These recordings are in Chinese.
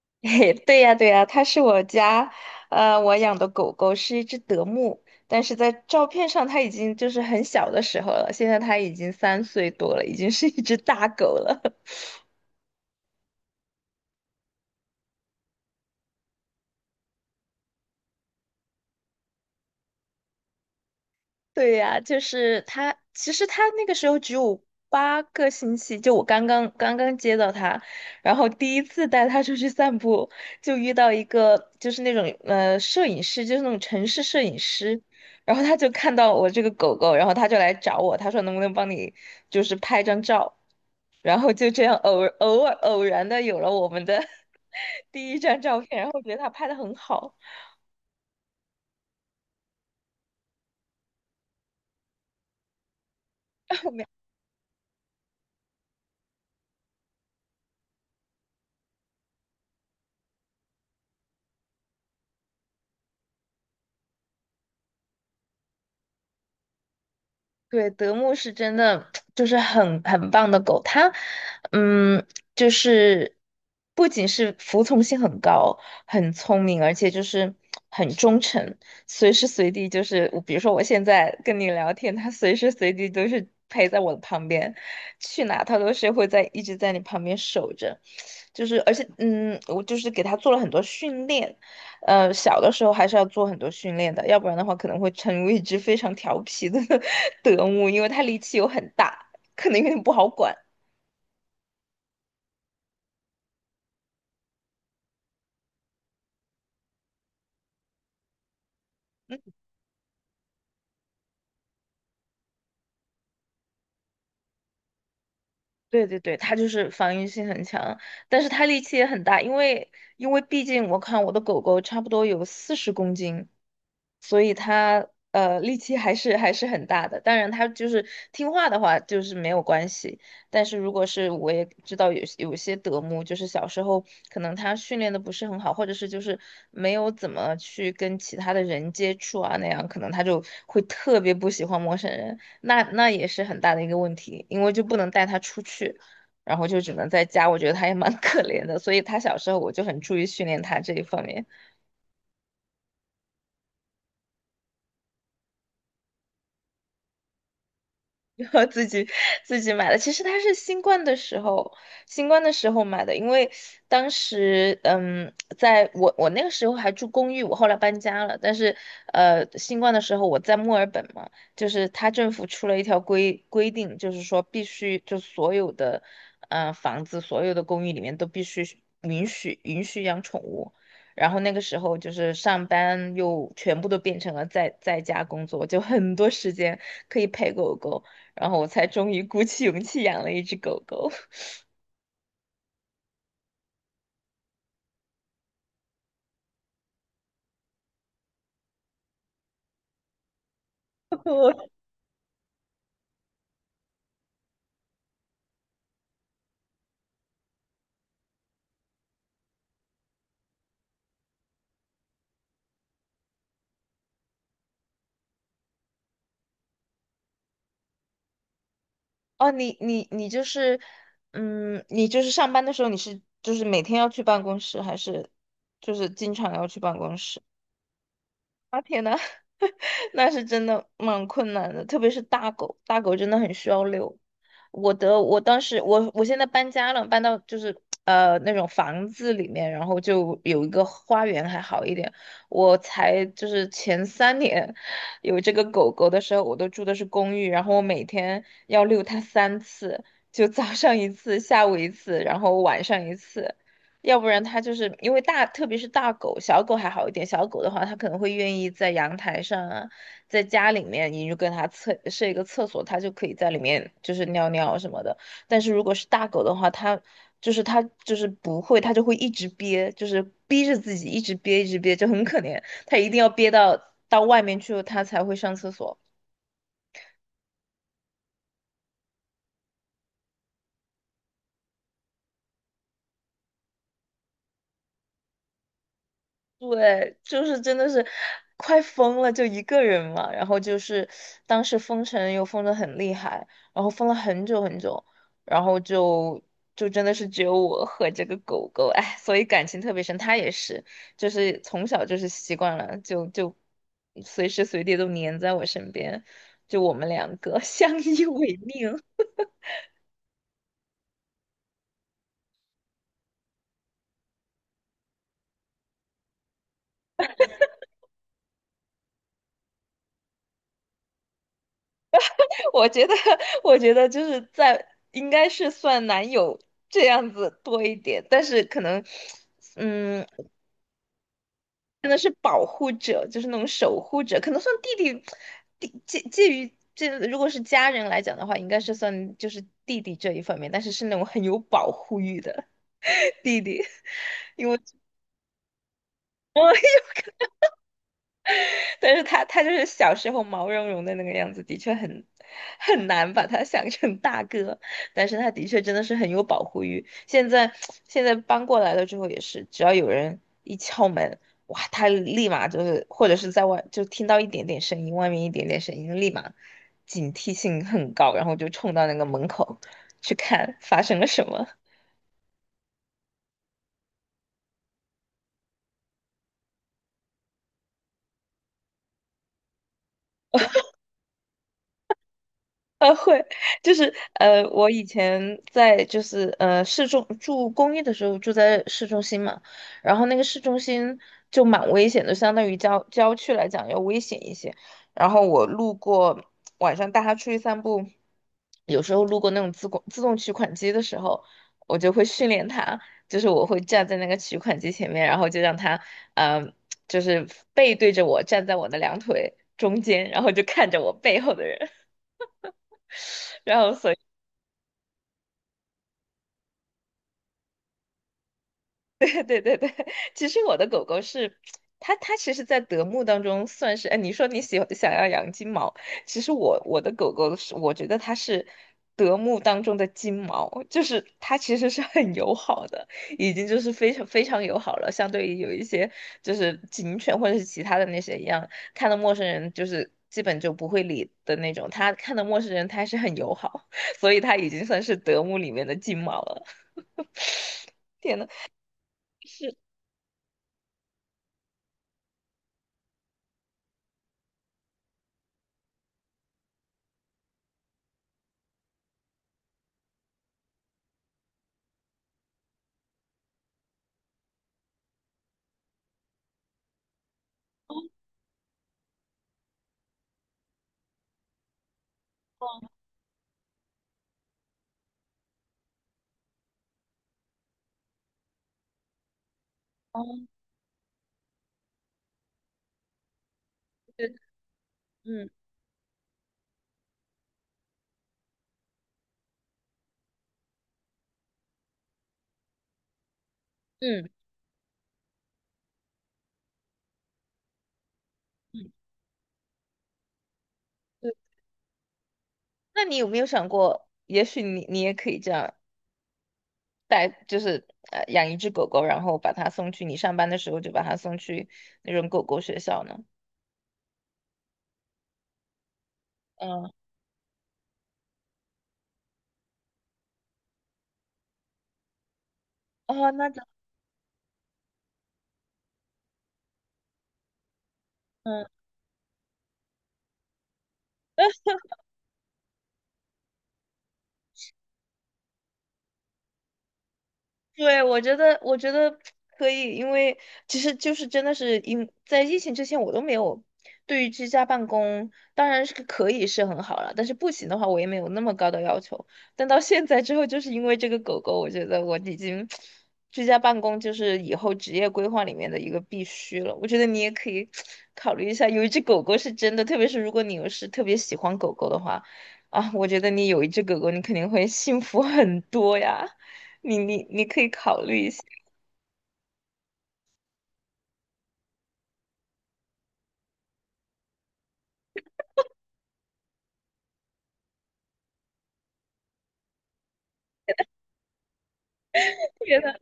嘿，对呀，对呀，它是我家，我养的狗狗是一只德牧，但是在照片上它已经就是很小的时候了，现在它已经3岁多了，已经是一只大狗了。对呀，就是他，其实他那个时候只有8个星期，就我刚刚接到他，然后第一次带他出去散步，就遇到一个就是那种摄影师，就是那种城市摄影师，然后他就看到我这个狗狗，然后他就来找我，他说能不能帮你就是拍张照，然后就这样偶然的有了我们的 第一张照片，然后我觉得他拍的很好。对，德牧是真的 就是很棒的狗，它，嗯，就是不仅是服从性很高，很聪明，而且就是很忠诚，随时随地就是我比如说我现在跟你聊天，它随时随地都是陪在我的旁边，去哪它都是会在一直在你旁边守着，就是而且我就是给它做了很多训练，小的时候还是要做很多训练的，要不然的话可能会成为一只非常调皮的 德牧，因为它力气又很大，可能有点不好管。对对对，它就是防御性很强，但是它力气也很大，因为毕竟我看我的狗狗差不多有40公斤，所以它力气还是很大的。当然，它就是听话的话就是没有关系，但是如果是我也知道有些德牧，就是小时候可能它训练的不是很好，或者是就是没有怎么去跟其他的人接触啊那样，可能它就会特别不喜欢陌生人。那也是很大的一个问题，因为就不能带他出去，然后就只能在家。我觉得他也蛮 可怜的，所以他小时候我就很注意训练他这一方面。然后自己买的。其实它是新冠的时候，新冠的时候买的，因为当时在我那个时候还住公寓，我后来搬家了。但是新冠的时候我在墨尔本嘛，就是他政府出了一条规定，就是说必须就所有的房子、所有的公寓里面都必须允许养宠物。然后那个时候就是上班又全部都变成了在家工作，就很多时间可以陪狗狗。然后我才终于鼓起勇气养了一只狗狗。哦，你就是，你就是上班的时候你是就是每天要去办公室，还是就是经常要去办公室？那是真的蛮困难的，特别是大狗，大狗真的很需要遛。我的，我当时，我现在搬家了，搬到就是那种房子里面，然后就有一个花园还好一点。我才就是前3年有这个狗狗的时候，我都住的是公寓，然后我每天要遛它3次，就早上一次，下午一次，然后晚上一次。要不然它就是因为大，特别是大狗，小狗还好一点。小狗的话，它可能会愿意在阳台上啊，在家里面，你就跟它设一个厕所，它就可以在里面就是尿尿什么的。但是如果是大狗的话，它就是不会，它就会一直憋，就是逼着自己一直憋一直憋，就很可怜。它一定要憋到外面去，它才会上厕所。对，就是真的是快疯了，就一个人嘛。然后就是当时封城又封得很厉害，然后封了很久很久，然后就真的是只有我和这个狗狗，哎，所以感情特别深。它也是，就是从小就是习惯了，就随时随地都黏在我身边，就我们两个相依为命。我觉得，我觉得就是在应该是算男友这样子多一点，但是可能，嗯，真的是保护者，就是那种守护者，可能算弟弟，介于这，如果是家人来讲的话，应该是算就是弟弟这一方面，但是是那种很有保护欲的 弟弟，因为 但是他就是小时候毛茸茸的那个样子，的确很难把他想成大哥。但是他的确真的是很有保护欲。现在 现在搬过来了之后也是，只要有人一敲门，哇，他立马就是，或者是在外就听到一点点声音，外面一点点声音，立马警惕性很高，然后就冲到那个门口去看发生了什么。会，就是我以前在就是住公寓的时候住在市中心嘛，然后那个市中心就蛮危险的，相当于郊区来讲要危险一些。然后我路过晚上带他出去散步，有时候路过那种自动取款机的时候，我就会训练他，就是我会站在那个取款机前面，然后就让他嗯、呃，就是背对着我站在我的两腿中间，然后就看着我背后的人。然后所以 对对对对，其实我的狗狗是它其实，在德牧当中算是，哎，你说你喜欢想要养金毛，其实我的狗狗是，我觉得它是德牧当中的金毛，就是它其实是很友好的，已经就是非常非常友好了，相对于有一些就是警犬或者是其他的那些一样，看到陌生人就是基本就不会理的那种，它看到陌生人它还是很友好，所以它已经算是德牧里面的金毛了。是。对，嗯嗯嗯，对。那你有没有想过，也许你也可以这样带，就是养一只狗狗，然后把它送去你上班的时候就把它送去那种狗狗学校呢？嗯，哦，那就嗯，对，我觉得，我觉得可以，因为其实就是真的是因在疫情之前，我都没有对于居家办公，当然是可以是很好了，但是不行的话，我也没有那么高的要求。但到现在之后，就是因为这个狗狗，我觉得我已经居家办公就是以后职业规划里面的一个必须了。我觉得你也可以 考虑一下，有一只狗狗是真的，特别是如果你又是特别喜欢狗狗的话，啊，我觉得你有一只狗狗，你肯定会幸福很多呀。你可以考虑一下，觉得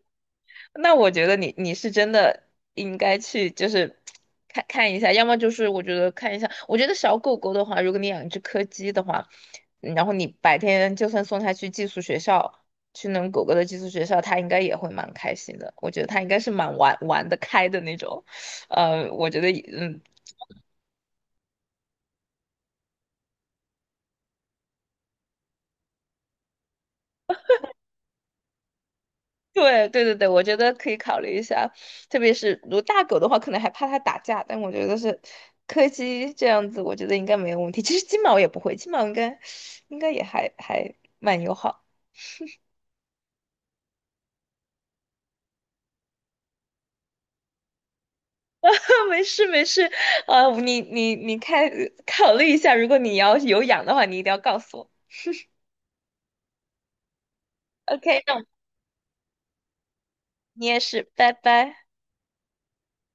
那我觉得你是真的应该去就是看看一下，要么就是我觉得看一下，我觉得小狗狗的话，如果你养一只柯基的话，然后你白天就算送它去寄宿学校，去那种狗狗的寄宿学校，它应该也会蛮开心的。我觉得它应该是蛮玩得开的那种，我觉得对对对对，我觉得可以考虑一下，特别是如果大狗的话，可能还怕它打架，但我觉得是柯基这样子，我觉得应该没有问题。其实金毛也不会，金毛应该也还蛮友好。没事没事，啊，你看考虑一下，如果你要有养的话，你一定要告诉我。OK，那我你也是，拜拜。